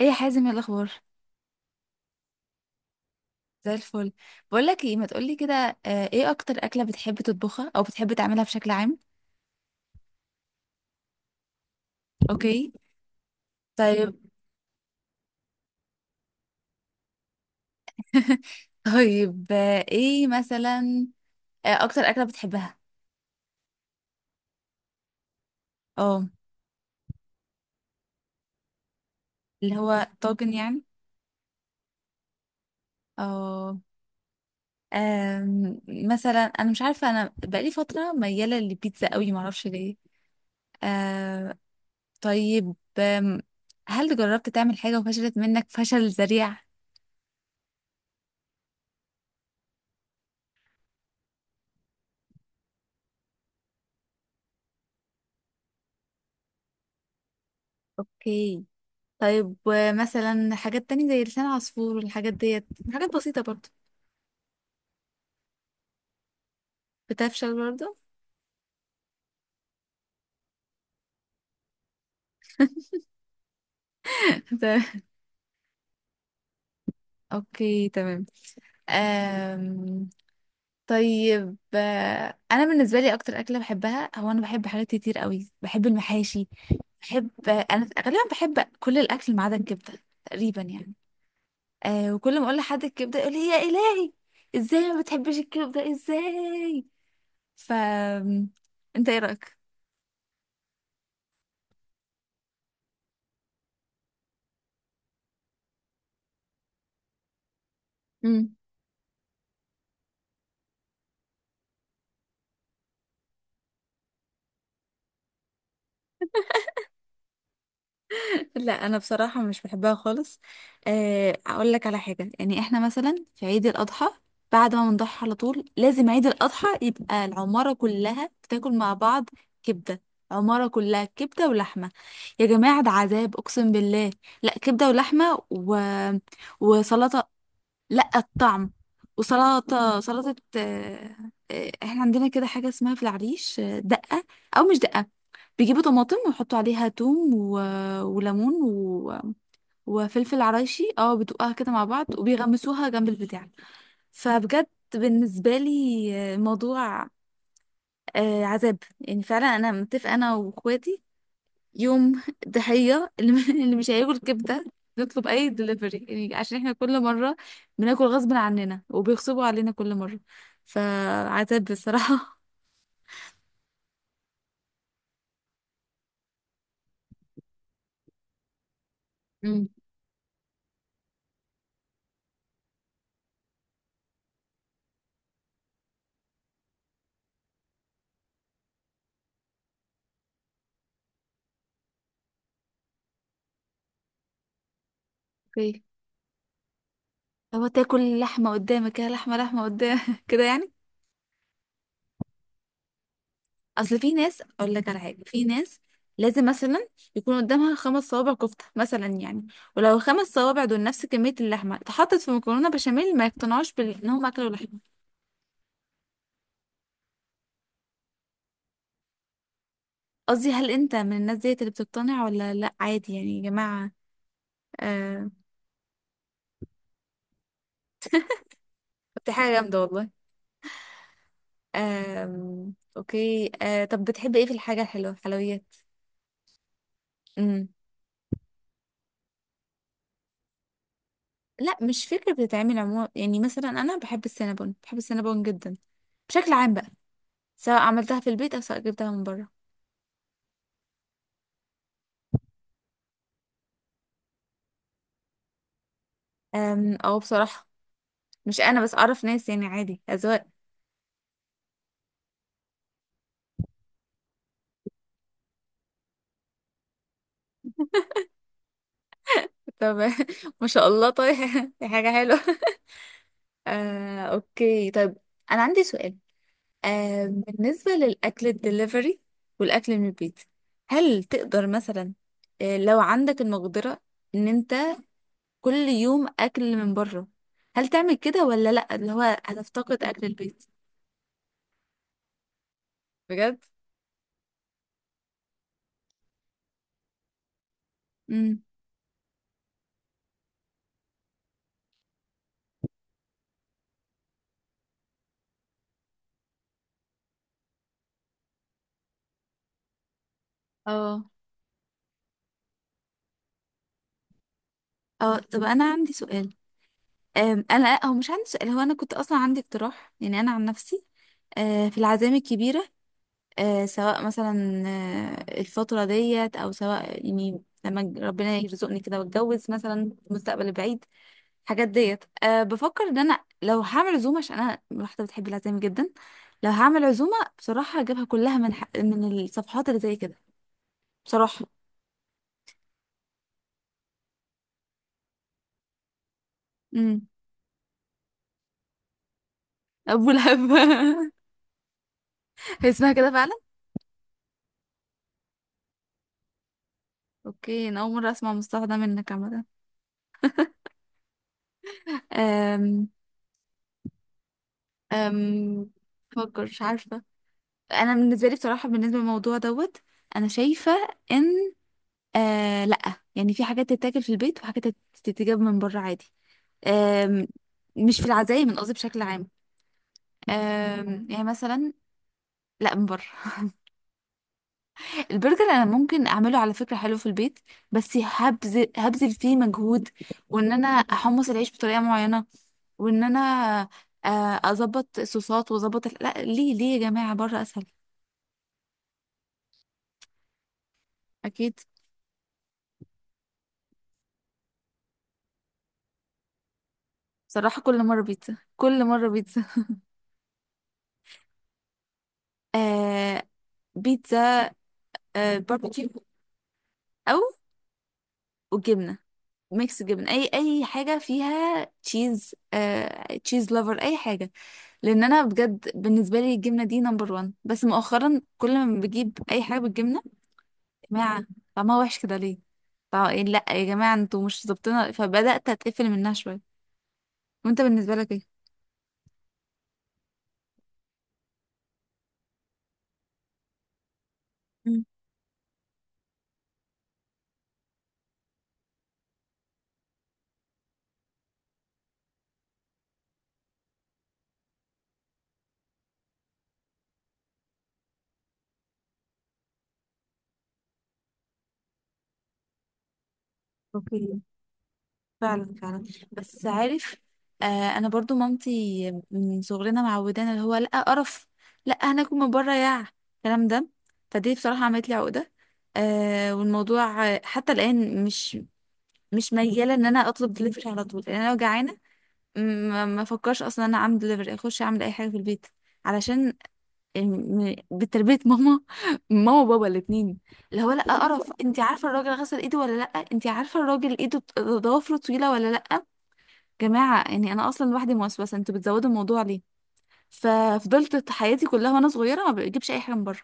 ايه يا حازم، ايه الاخبار؟ زي الفل. بقول لك ايه، ما تقولي كده. ايه اكتر اكله بتحب تطبخها او بتحب تعملها بشكل عام؟ اوكي. طيب. طيب، ايه مثلا؟ اكتر اكله بتحبها؟ اه، اللي هو طاجن يعني. اه. مثلا انا مش عارفه، انا بقالي فتره مياله للبيتزا قوي، ما اعرفش ليه. آه، طيب. هل جربت تعمل حاجه وفشلت منك فشل ذريع؟ اوكي. طيب، ومثلا حاجات تانية زي لسان عصفور والحاجات ديت، حاجات بسيطة برضه، بتفشل برضه؟ تمام. اوكي، تمام. أم... طيب، انا بالنسبه لي اكتر اكله بحبها هو، انا بحب حاجات كتير قوي، بحب المحاشي، بحب، انا غالبا بحب كل الاكل ما عدا الكبده تقريبا يعني. أه، وكل ما اقول لحد الكبده يقول لي يا الهي، ازاي ما بتحبش الكبده؟ ازاي؟ ف، انت ايه رايك؟ لا انا بصراحه مش بحبها خالص. اقول لك على حاجه، يعني احنا مثلا في عيد الاضحى، بعد ما بنضحي على طول لازم عيد الاضحى يبقى العماره كلها بتاكل مع بعض كبده. عماره كلها كبده ولحمه. يا جماعه، ده عذاب اقسم بالله. لا كبده ولحمه و... وسلطه. لا الطعم. وسلطة احنا عندنا كده حاجة اسمها في العريش دقة، أو مش دقة. بيجيبوا طماطم ويحطوا عليها توم و... وليمون و... وفلفل عرايشي، اه، بتوقها كده مع بعض وبيغمسوها جنب البتاع. فبجد، بالنسبة لي الموضوع عذاب يعني فعلا. أنا متفقة أنا وأخواتي، يوم ضحية اللي اللي مش هياكل كبدة نطلب أي دليفري، يعني عشان احنا كل مرة بناكل غصب عننا وبيغصبوا علينا كل مرة. فعتاب بصراحة. امم. اوكي. هو تاكل لحمة قدامك كده لحمة قدام كده يعني؟ أصل في ناس، أقول لك على حاجة، في ناس لازم مثلا يكون قدامها خمس صوابع كفتة مثلا يعني، ولو الخمس صوابع دول نفس كمية اللحمة اتحطت في مكرونة بشاميل ما يقتنعوش بإن هم أكلوا لحمة. قصدي هل انت من الناس ديت اللي بتقتنع ولا لا عادي يعني يا جماعة؟ آه. طب دي حاجة جامدة والله. اوكي. آه، طب بتحب ايه في الحاجة الحلوة، حلويات؟ امم. لا مش فكرة بتتعمل عموما، يعني مثلا انا بحب السينابون، بحب السينابون جدا بشكل عام بقى، سواء عملتها في البيت او سواء جبتها من بره. او بصراحة، مش انا بس، اعرف ناس يعني عادي، اذواق. طب ما شاء الله، طيب دي حاجة حلوة. اوكي، طيب. انا عندي سؤال، آه، بالنسبة للأكل الدليفري والأكل من البيت، هل تقدر مثلا، آه، لو عندك المقدرة إن أنت كل يوم أكل من بره، هل تعمل كده ولا لأ، اللي هو هتفتقد أكل البيت؟ بجد؟ امم. اه. اه، طب أنا عندي سؤال. أنا هو مش عندي سؤال، هو أنا كنت أصلا عندي اقتراح، يعني أنا عن نفسي آه في العزايم الكبيرة، سواء مثلا الفترة ديت أو سواء يعني لما ربنا يرزقني كده واتجوز مثلا في المستقبل البعيد. الحاجات ديت، أه بفكر ان انا لو هعمل عزومه، عشان انا واحده بتحب العزايم جدا، لو هعمل عزومه بصراحه هجيبها كلها من من الصفحات اللي زي كده، بصراحه. امم. ابو لهب. هي اسمها كده فعلا؟ اوكي، انا اول مره اسمع مصطلح ده منك عامه. أم... أم... بفكر، مش عارفه. انا بالنسبه لي بصراحه، بالنسبه للموضوع دوت، انا شايفه ان، آه، لا، يعني في حاجات تتاكل في البيت وحاجات تتجاب من بره عادي. آم، مش في العزايم، من قصدي بشكل عام. يعني مثلا، لا من بره. البرجر انا ممكن اعمله على فكره حلو في البيت، بس هبذل فيه مجهود، وان انا احمص العيش بطريقه معينه، وان انا اظبط الصوصات واظبط لا، ليه يا جماعه؟ بره اسهل. اكيد. بصراحه كل مره بيتزا، كل مره بيتزا. آه، بيتزا، آه، باربيكيو، او وجبنه، ميكس جبنه، اي حاجه فيها تشيز، آه، تشيز لوفر، اي حاجه. لان انا بجد بالنسبه لي الجبنه دي نمبر وان، بس مؤخرا كل ما بجيب اي حاجه بالجبنه، يا جماعه طعمها وحش كده، ليه؟ إيه، لا يا جماعه انتوا مش ظابطينها، فبدات اتقفل منها شويه. وانت بالنسبه لك ايه؟ فعلا، فعلا. بس عارف، آه، انا برضو مامتي من صغرنا معودانا اللي هو، لا قرف، لا هناكل من بره، يا الكلام ده. فدي بصراحه عملت لي عقده. آه، والموضوع حتى الان مش مياله ان انا اطلب دليفري على طول. لان انا لو جعانه ما افكرش اصلا ان انا اعمل دليفري، اخش اعمل اي حاجه في البيت، علشان بتربيه ماما. ماما وبابا الاثنين، اللي هو لا قرف، انت عارفه الراجل غسل ايده ولا لا؟ انت عارفه الراجل ايده ضوافره طويله ولا لا؟ جماعة، يعني أنا أصلا لوحدي موسوسة، أنتوا بتزودوا الموضوع ليه؟ ففضلت حياتي كلها وأنا صغيرة ما بجيبش أي حاجة من بره.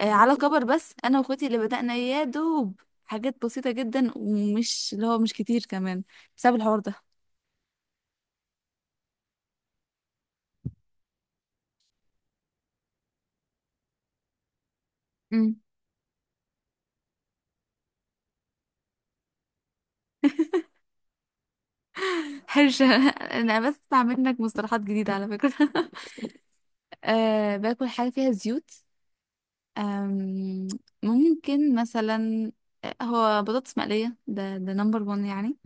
آه، على كبر بس أنا وأخواتي اللي بدأنا يا دوب حاجات بسيطة جدا ومش، اللي هو مش كتير كمان، بسبب الحوار ده. امم. حرشة. أنا بس بسمع منك مصطلحات جديدة على فكرة. آه، باكل حاجة فيها زيوت. آم، ممكن مثلا، هو بطاطس مقلية، ده نمبر 1 يعني.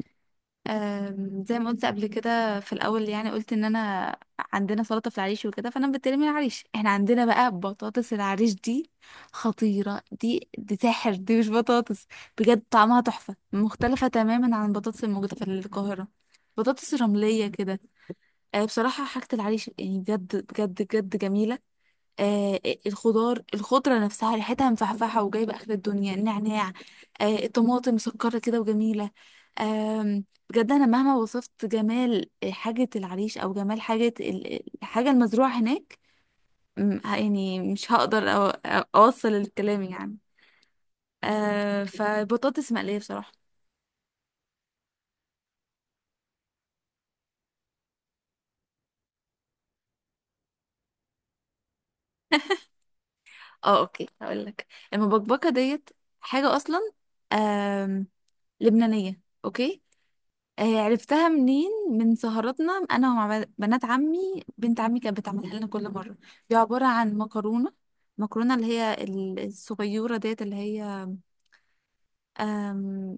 زي ما قلت قبل كده في الاول، يعني قلت ان انا عندنا سلطه في العريش وكده، فانا بتكلم من العريش، احنا عندنا بقى بطاطس العريش دي خطيره، دي دي سحر، دي مش بطاطس، بجد طعمها تحفه، مختلفه تماما عن البطاطس الموجوده في القاهره، بطاطس رمليه كده. بصراحه حاجه العريش يعني بجد بجد بجد جميله. آه، الخضار، الخضرة نفسها ريحتها مفحفحة وجايبة آخر الدنيا، النعناع، آه، الطماطم مسكرة كده وجميلة. آم، بجد أنا مهما وصفت جمال حاجة العريش أو جمال حاجة الحاجة المزروعة هناك، يعني مش هقدر أوصل الكلام يعني. آه، فبطاطس مقلية بصراحة. اه، اوكي هقول لك، المبكبكه ديت حاجه اصلا، آم لبنانيه، اوكي. عرفتها منين، من سهراتنا انا ومع بنات عمي، بنت عمي كانت بتعملها لنا كل مره. دي عباره عن مكرونه، اللي هي الصغيره ديت اللي هي، أم...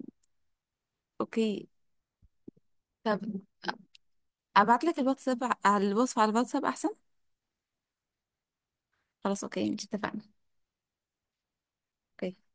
اوكي. طب ابعت لك الواتساب على الوصفه، على الواتساب احسن. خلاص، اوكي، مش اتفقنا. اوكي.